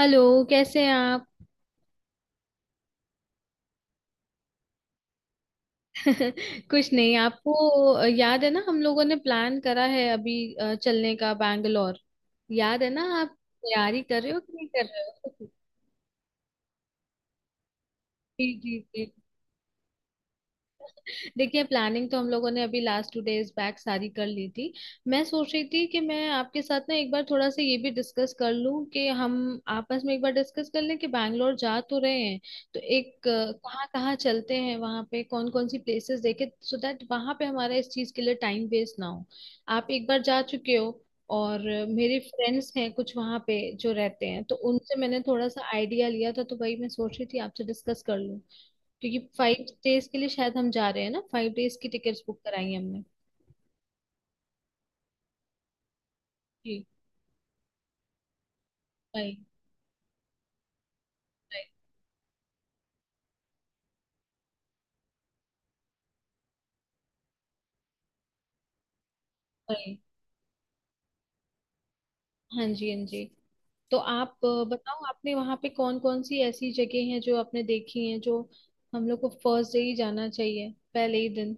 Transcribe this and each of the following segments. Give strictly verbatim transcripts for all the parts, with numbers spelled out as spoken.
Hello. कैसे हैं आप? कुछ नहीं, आपको याद है ना, हम लोगों ने प्लान करा है अभी अ, चलने का, बैंगलोर। याद है ना आप? तैयारी कर रहे हो कि नहीं कर रहे हो? जी जी जी। देखिए, प्लानिंग तो हम लोगों ने अभी लास्ट टू डेज बैक सारी कर ली थी। मैं सोच रही थी कि मैं आपके साथ ना एक बार थोड़ा सा ये भी डिस्कस कर लूं कि हम आपस में एक बार डिस्कस कर लें कि बैंगलोर जा तो रहे हैं, तो एक अ, कहाँ कहाँ चलते हैं, वहाँ पे कौन कौन सी प्लेसेस देखे, सो दैट वहाँ पे हमारा इस चीज़ के लिए टाइम वेस्ट ना हो। आप एक बार जा चुके हो, और मेरे फ्रेंड्स हैं कुछ वहाँ पे जो रहते हैं, तो उनसे मैंने थोड़ा सा आइडिया लिया था, तो वही मैं सोच रही थी आपसे डिस्कस कर लूं। क्योंकि फाइव डेज के लिए शायद हम जा रहे हैं ना, फाइव डेज की टिकट्स बुक कराई है हमने। जी, वही वही वही। हाँ जी, हाँ जी। तो आप अ, बताओ, आपने वहाँ पे कौन कौन सी ऐसी जगह हैं जो आपने देखी हैं, जो हम लोग को फर्स्ट डे ही जाना चाहिए, पहले ही दिन?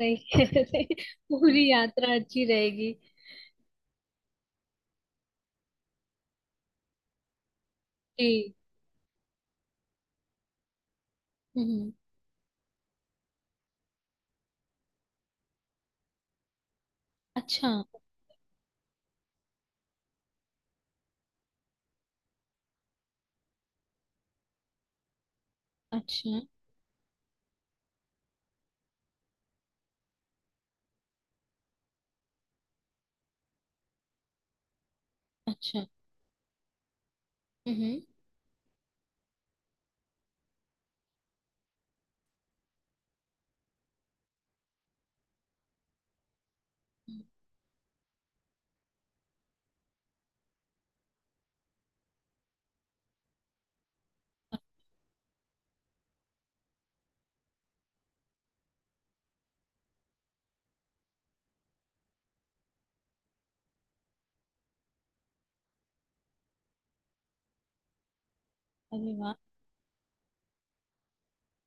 सही कह रहे हैं। पूरी यात्रा अच्छी रहेगी। जी। हम्म। अच्छा अच्छा अच्छा। हम्म। हम्म। अरे वाह!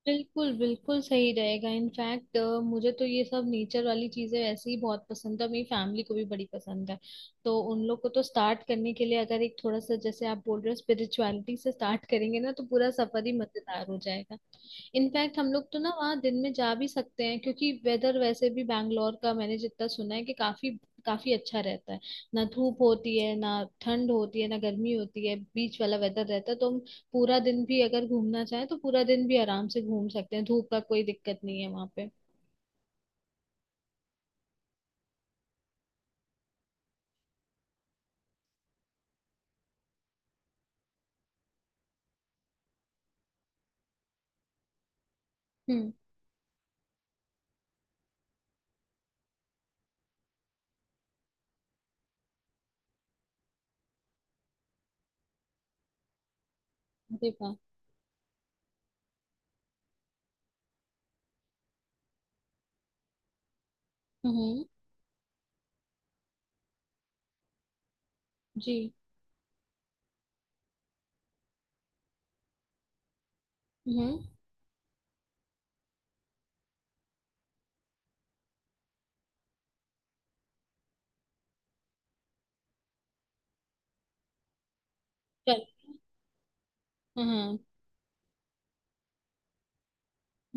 बिल्कुल बिल्कुल सही रहेगा, इनफैक्ट। मुझे तो ये सब नेचर वाली चीजें वैसे ही बहुत पसंद है, मेरी फैमिली को भी बड़ी पसंद है। तो उन लोग को तो स्टार्ट करने के लिए, अगर एक थोड़ा सा जैसे आप बोल रहे हो स्पिरिचुअलिटी से स्टार्ट करेंगे ना, तो पूरा सफर ही मजेदार हो जाएगा। इनफैक्ट हम लोग तो ना वहाँ दिन में जा भी सकते हैं, क्योंकि वेदर वैसे भी बैंगलोर का मैंने जितना सुना है कि काफी काफी अच्छा रहता है। ना धूप होती है, ना ठंड होती है, ना गर्मी होती है, बीच वाला वेदर रहता है। तो हम पूरा दिन भी अगर घूमना चाहें तो पूरा दिन भी आराम से घूम सकते हैं, धूप का कोई दिक्कत नहीं है वहाँ पे। हम्म। देखा। हम्म। जी। हम्म। चल। हाँ,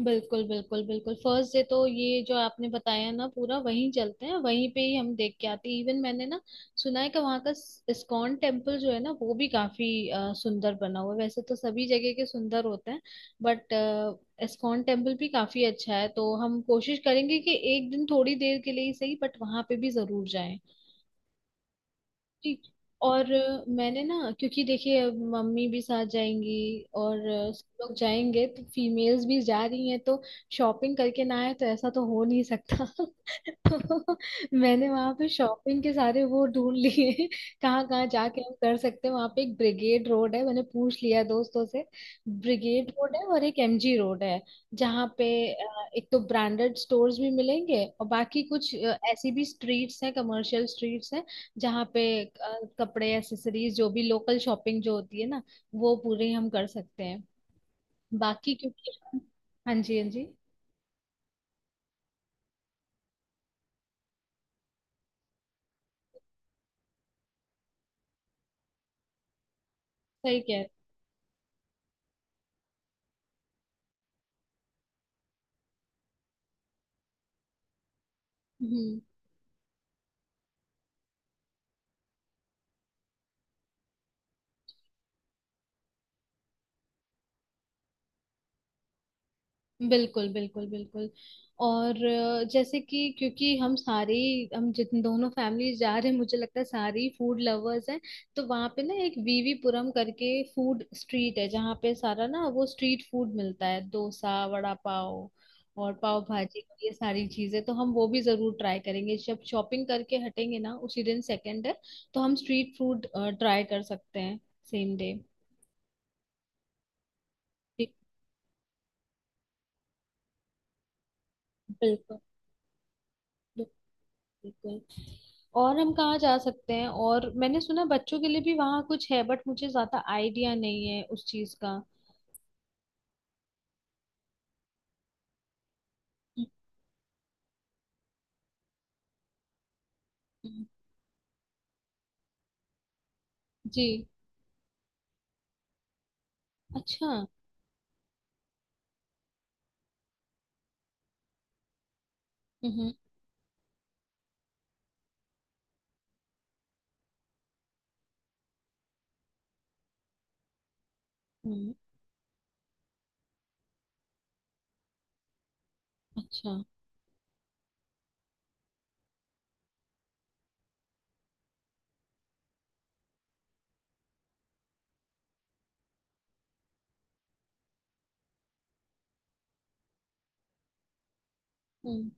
बिल्कुल बिल्कुल बिल्कुल। फर्स्ट डे तो ये जो आपने बताया ना, पूरा वहीं चलते हैं, वहीं पे ही हम देख के आते हैं। इवन मैंने ना सुना है कि वहाँ का इस्कॉन टेम्पल जो है ना, वो भी काफी अ, सुंदर बना हुआ है। वैसे तो सभी जगह के सुंदर होते हैं, बट इस्कॉन टेम्पल भी काफी अच्छा है। तो हम कोशिश करेंगे कि एक दिन थोड़ी देर के लिए ही सही, बट वहां पे भी जरूर जाएं। जी। और अ, मैंने ना, क्योंकि देखिए अब मम्मी भी साथ जाएंगी, और अ, सब लोग जाएंगे, तो फीमेल्स भी जा रही हैं, तो शॉपिंग करके ना आए तो ऐसा तो हो नहीं सकता। तो मैंने वहां पे शॉपिंग के सारे वो ढूंढ लिए, कहाँ कहाँ जाके हम कर सकते हैं। वहां पे एक ब्रिगेड रोड है, मैंने पूछ लिया दोस्तों से। ब्रिगेड रोड है और एक एमजी रोड है, जहाँ पे अ, एक तो ब्रांडेड स्टोर्स भी मिलेंगे, और बाकी कुछ अ, ऐसी भी स्ट्रीट्स हैं, कमर्शियल स्ट्रीट्स हैं, जहाँ पे अ, कपड़े, एसेसरीज, जो भी लोकल शॉपिंग जो होती है ना, वो पूरे हम कर सकते हैं। बाकी क्योंकि... हाँ जी, हाँ जी। सही कह रहे हैं। हम्म। बिल्कुल बिल्कुल बिल्कुल। और अ, जैसे कि क्योंकि हम सारे ही- हम जितने दोनों फैमिली जा रहे हैं, मुझे लगता है सारी फूड लवर्स हैं। तो वहाँ पे ना एक वीवीपुरम करके फूड स्ट्रीट है, जहाँ पे सारा ना वो स्ट्रीट फूड मिलता है, डोसा, वड़ा पाव और पाव भाजी, ये सारी चीजें तो हम वो भी जरूर ट्राई करेंगे, जब शॉपिंग करके हटेंगे ना, उसी दिन, सेकंड है। तो हम स्ट्रीट फूड ट्राई कर सकते हैं, सेम डे। बिल्कुल बिल्कुल। और हम कहाँ जा सकते हैं? और मैंने सुना बच्चों के लिए भी वहाँ कुछ है, बट मुझे ज्यादा आइडिया नहीं है उस चीज का। हम्म, जी। अच्छा। हम्म, हम्म। अच्छा। हम्म।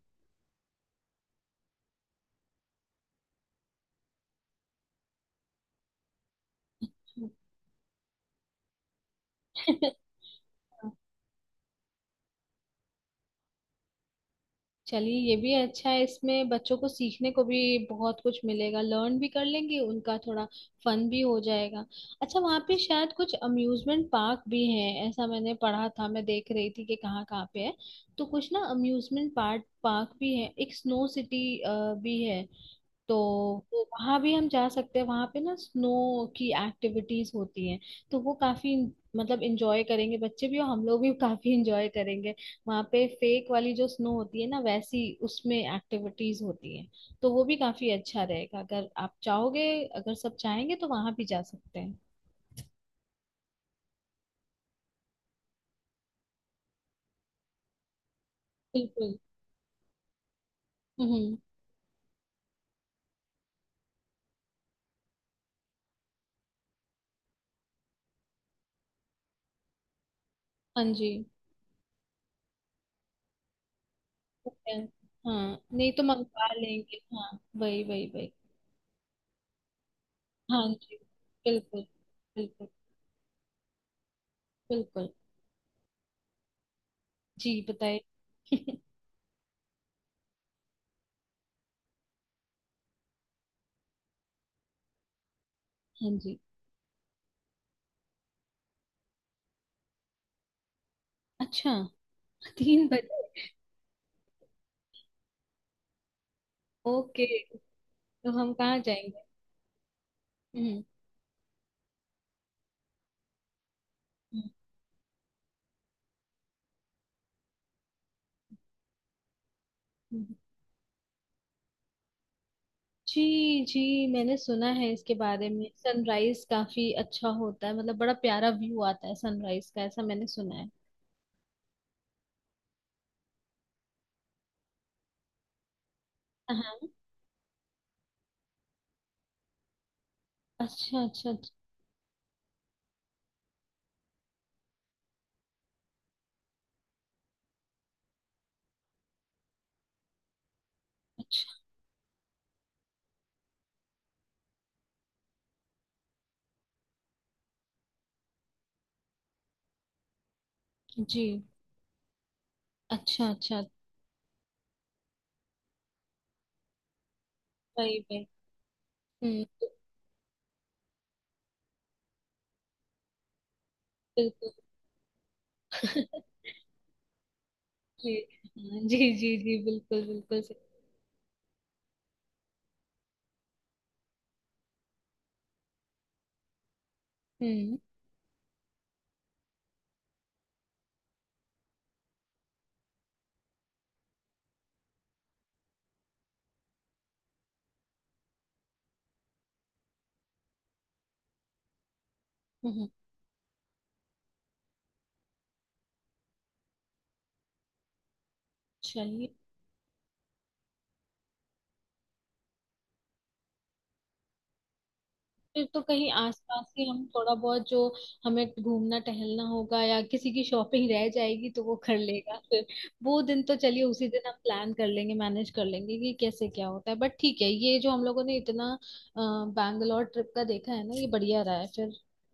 हम्म। हम्म। चलिए, ये भी अच्छा है, इसमें बच्चों को सीखने को भी बहुत कुछ मिलेगा, लर्न भी कर लेंगे, उनका थोड़ा फन भी हो जाएगा। अच्छा, वहाँ पे शायद कुछ अम्यूजमेंट पार्क भी हैं, ऐसा मैंने पढ़ा था, मैं देख रही थी कि कहाँ कहाँ पे है। तो कुछ ना, अम्यूजमेंट पार्क पार्क भी है, एक स्नो सिटी भी है। तो वहां भी हम जा सकते हैं, वहां पे ना स्नो की एक्टिविटीज होती हैं। तो वो काफी, मतलब, इंजॉय करेंगे बच्चे भी और हम लोग भी। काफी इंजॉय करेंगे। वहां पे फेक वाली जो स्नो होती है ना, वैसी उसमें एक्टिविटीज होती हैं। तो वो भी काफी अच्छा रहेगा, अगर आप चाहोगे, अगर सब चाहेंगे तो वहां भी जा सकते हैं। बिल्कुल। हम्म। हाँ जी। Okay. हाँ, नहीं तो मंगवा लेंगे। हाँ, वही वही वही। हाँ जी। बिल्कुल बिल्कुल बिल्कुल। जी, बताइए। हाँ जी। अच्छा, तीन बजे? ओके, तो हम कहाँ जाएंगे? हम्म। हम्म, हम्म। जी जी, मैंने सुना है इसके बारे में, सनराइज काफी अच्छा होता है, मतलब बड़ा प्यारा व्यू आता है सनराइज का, ऐसा मैंने सुना है। हाँ। अच्छा अच्छा अच्छा। अच्छा, जी। अच्छा अच्छा। सही में। हम्म, तो- बिल्कुल। जी। हाँ, जी जी जी, बिल्कुल बिल्कुल। सही। हम्म। हम्म, चलिए, फिर तो कहीं आसपास ही हम थोड़ा बहुत जो हमें घूमना टहलना होगा, या किसी की शॉपिंग रह जाएगी तो वो कर लेगा। फिर वो दिन तो, चलिए, उसी दिन हम प्लान कर लेंगे, मैनेज कर लेंगे कि कैसे क्या होता है। बट ठीक है, ये जो हम लोगों ने इतना अ, बैंगलोर ट्रिप का देखा है ना, ये बढ़िया रहा है। फिर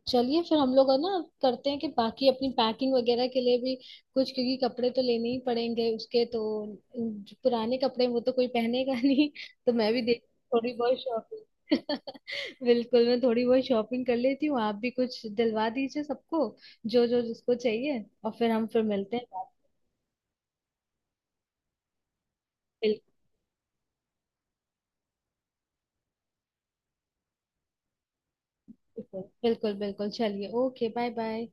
चलिए, फिर हम लोग है ना, करते हैं कि बाकी अपनी पैकिंग वगैरह के लिए भी कुछ, क्योंकि कपड़े तो लेने ही पड़ेंगे उसके, तो जो पुराने कपड़े हैं, वो तो कोई पहनेगा नहीं, तो मैं भी देख थोड़ी बहुत शॉपिंग। बिल्कुल, मैं थोड़ी बहुत शॉपिंग कर लेती हूँ, आप भी कुछ दिलवा दीजिए सबको, जो जो जिसको चाहिए, और फिर हम फिर मिलते हैं। बिल्कुल बिल्कुल बिल्कुल। चलिए, ओके, बाय बाय।